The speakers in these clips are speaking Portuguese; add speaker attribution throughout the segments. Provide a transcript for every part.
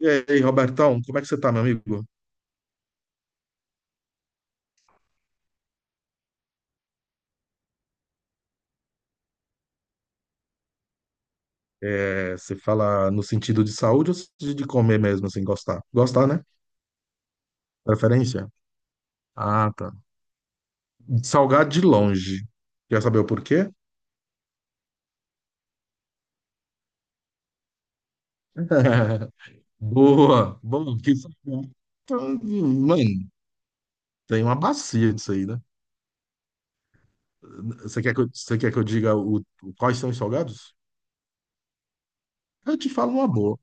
Speaker 1: E aí, Robertão, como é que você tá, meu amigo? É, você fala no sentido de saúde ou de comer mesmo, assim, gostar? Gostar, né? Preferência? Ah, tá. Salgado de longe. Quer saber o porquê? Boa! Bom, que salgado. Então, Mano, tem uma bacia disso aí, né? Você quer que eu diga quais são os salgados? Eu te falo uma boa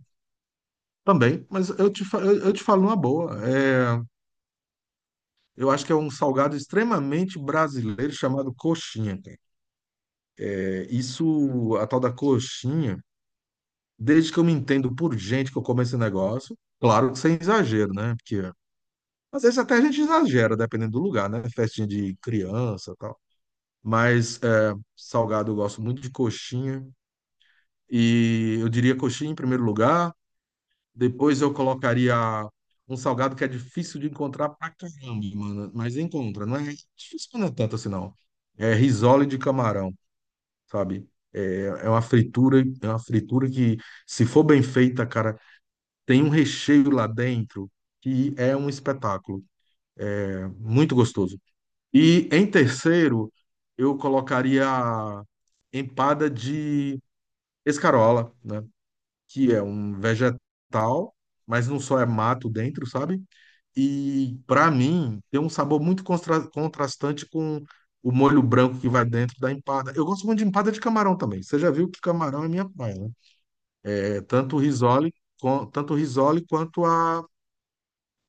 Speaker 1: também, mas eu te falo uma boa. É, eu acho que é um salgado extremamente brasileiro chamado coxinha. Isso, a tal da coxinha, desde que eu me entendo por gente que eu como esse negócio, claro que sem exagero, né? Porque às vezes até a gente exagera, dependendo do lugar, né? Festinha de criança e tal. Mas é, salgado eu gosto muito de coxinha. E eu diria coxinha em primeiro lugar. Depois eu colocaria um salgado que é difícil de encontrar pra caramba, mano. Mas encontra, não é difícil, mas não é tanto assim, não. É risole de camarão, sabe? É uma fritura que, se for bem feita, cara, tem um recheio lá dentro que é um espetáculo. É muito gostoso. E em terceiro, eu colocaria a empada de escarola, né? Que é um vegetal, mas não só é mato dentro, sabe? E para mim tem um sabor muito contrastante com o molho branco que vai dentro da empada. Eu gosto muito de empada de camarão também. Você já viu que camarão é minha praia, né? É, tanto o Risoli quanto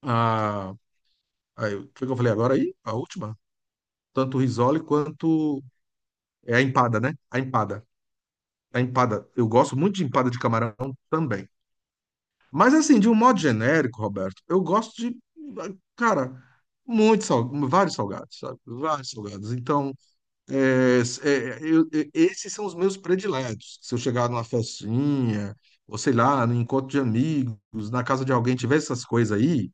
Speaker 1: a, o que eu falei agora aí? A última? Tanto o Risoli quanto é a empada, né? A empada. A empada. Eu gosto muito de empada de camarão também. Mas assim, de um modo genérico, Roberto, eu gosto de, cara, muito sal, vários salgados, sabe? Vários salgados. Então, esses são os meus prediletos. Se eu chegar numa festinha, ou sei lá, no encontro de amigos, na casa de alguém, tiver essas coisas aí,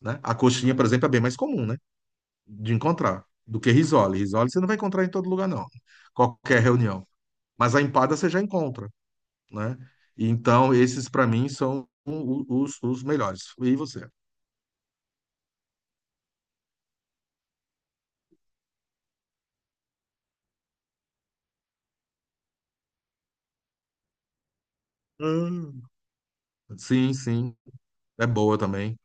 Speaker 1: né? A coxinha, por exemplo, é bem mais comum, né? De encontrar do que risole. Risole você não vai encontrar em todo lugar, não. Qualquer reunião. Mas a empada você já encontra, né? Então, esses para mim são os melhores. E você? Hum. Sim, sim. É boa também.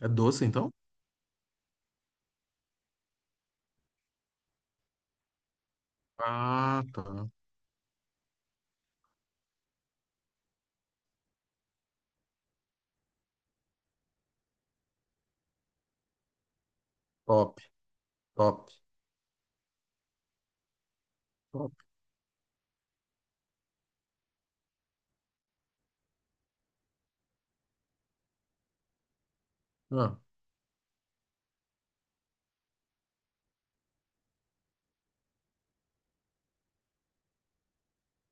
Speaker 1: É doce, então? Ah, tá. Top, top, top. Ah,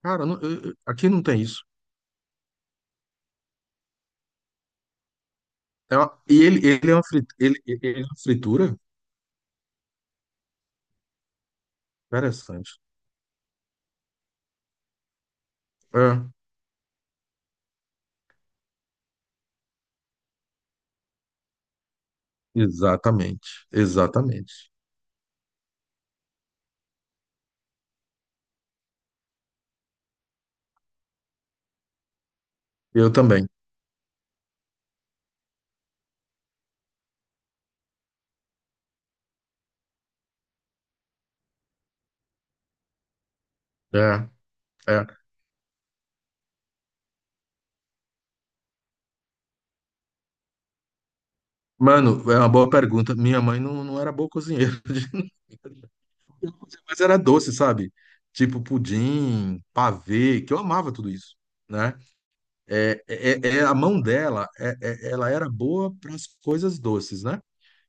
Speaker 1: cara, aqui não tem isso. E ele é uma fritura. Ele é uma fritura? Interessante. É, exatamente, exatamente. Eu também. É, é. Mano, é uma boa pergunta. Minha mãe não, não era boa cozinheira, de- mas era doce, sabe? Tipo pudim, pavê, que eu amava tudo isso, né? A mão dela, ela era boa para as coisas doces, né?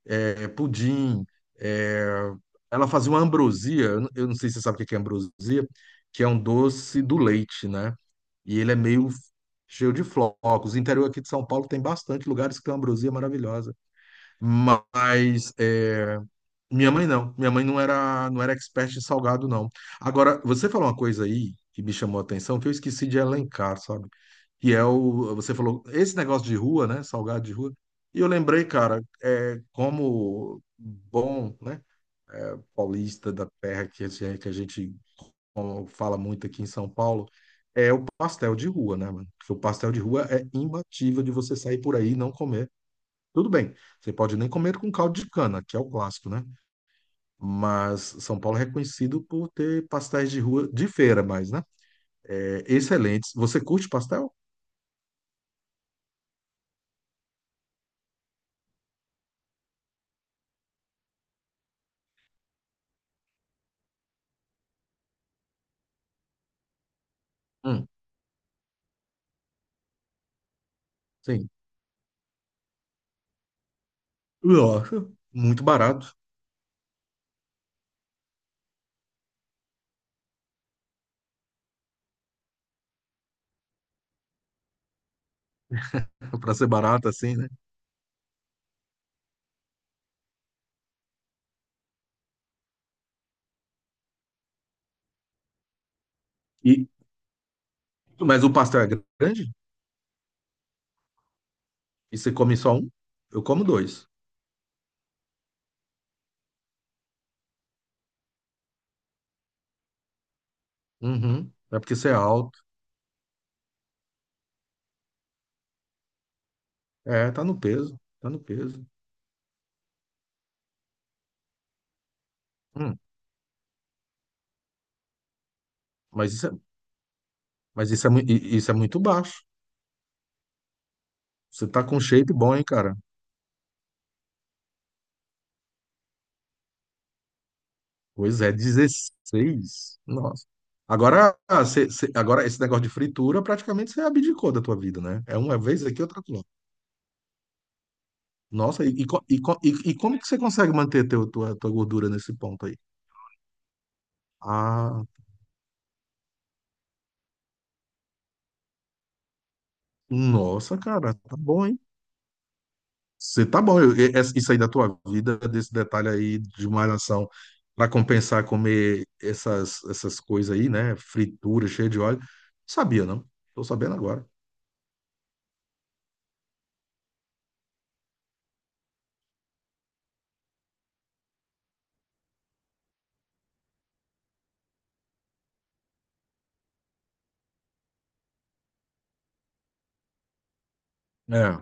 Speaker 1: É, pudim. É, ela fazia uma ambrosia, eu não sei se você sabe o que que é ambrosia, que é um doce do leite, né? E ele é meio cheio de flocos. O interior aqui de São Paulo tem bastante lugares que tem uma ambrosia maravilhosa. Mas é, minha mãe não. Não era expert em salgado, não. Agora, você falou uma coisa aí que me chamou a atenção, que eu esqueci de elencar, sabe? Que é o, você falou, esse negócio de rua, né, salgado de rua, e eu lembrei, cara, é, como bom, né, paulista da terra que a gente como fala muito aqui em São Paulo, é o pastel de rua, né, mano, porque o pastel de rua é imbatível de você sair por aí e não comer. Tudo bem, você pode nem comer com caldo de cana, que é o clássico, né? Mas São Paulo é reconhecido por ter pastéis de rua de feira, mais, né? É, excelentes. Você curte pastel? Hum, sim. Nossa, muito barato. Para ser barato assim, né? E, mas o pastel é grande? E você come só um? Eu como dois. Uhum. É porque você é alto. É, tá no peso. Tá no peso. Hum. Mas isso é, mas isso é, isso é muito baixo. Você tá com shape bom, hein, cara? Pois é, 16, nossa. Agora, agora esse negócio de fritura praticamente você abdicou da tua vida, né? É uma vez aqui, outra lá. Nossa, e como que você consegue manter tua gordura nesse ponto aí? Ah, nossa, cara, tá bom, hein? Você tá bom, isso aí da tua vida, desse detalhe aí de malhação, para compensar comer essas coisas aí, né? Fritura, cheia de óleo. Sabia, não? Tô sabendo agora. É,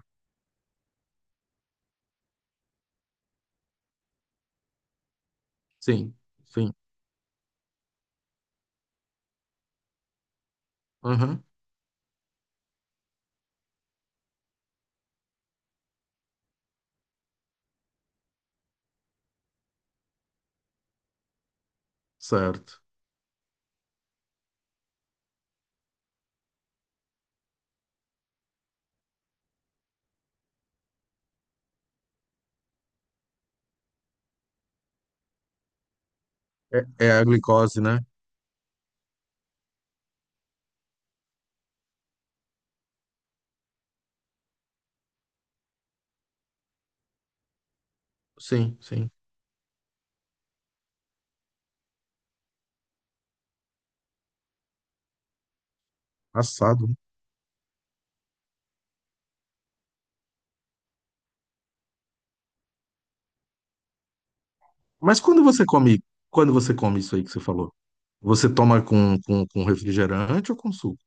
Speaker 1: sim, sim. Aham, certo. É a glicose, né? Sim, sim. Assado, né? Mas quando você come isso aí que você falou, você toma com refrigerante ou com suco?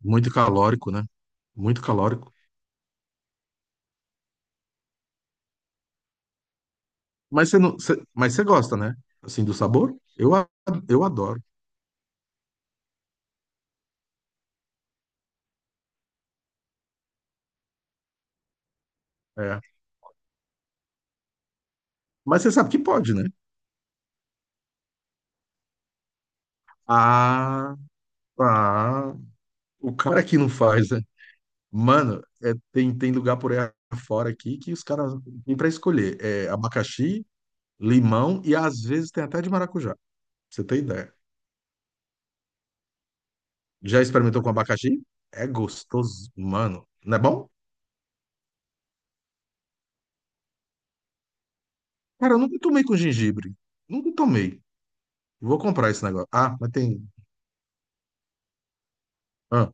Speaker 1: Muito calórico, né? Muito calórico. Mas você não, você- mas você gosta, né? Assim, do sabor? Eu adoro. É. Mas você sabe que pode, né? Ah, ah, o cara que não faz, né? Mano, é, tem lugar por aí fora aqui que os caras têm pra escolher. É abacaxi, limão e às vezes tem até de maracujá. Pra Você tem ideia? Já experimentou com abacaxi? É gostoso, mano. Não é bom? Cara, eu nunca tomei com gengibre. Nunca tomei. Vou comprar esse negócio. Ah, mas tem. Ah,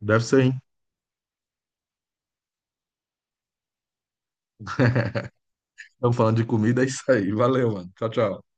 Speaker 1: deve ser, hein? Estamos falando de comida, é isso aí. Valeu, mano. Tchau, tchau.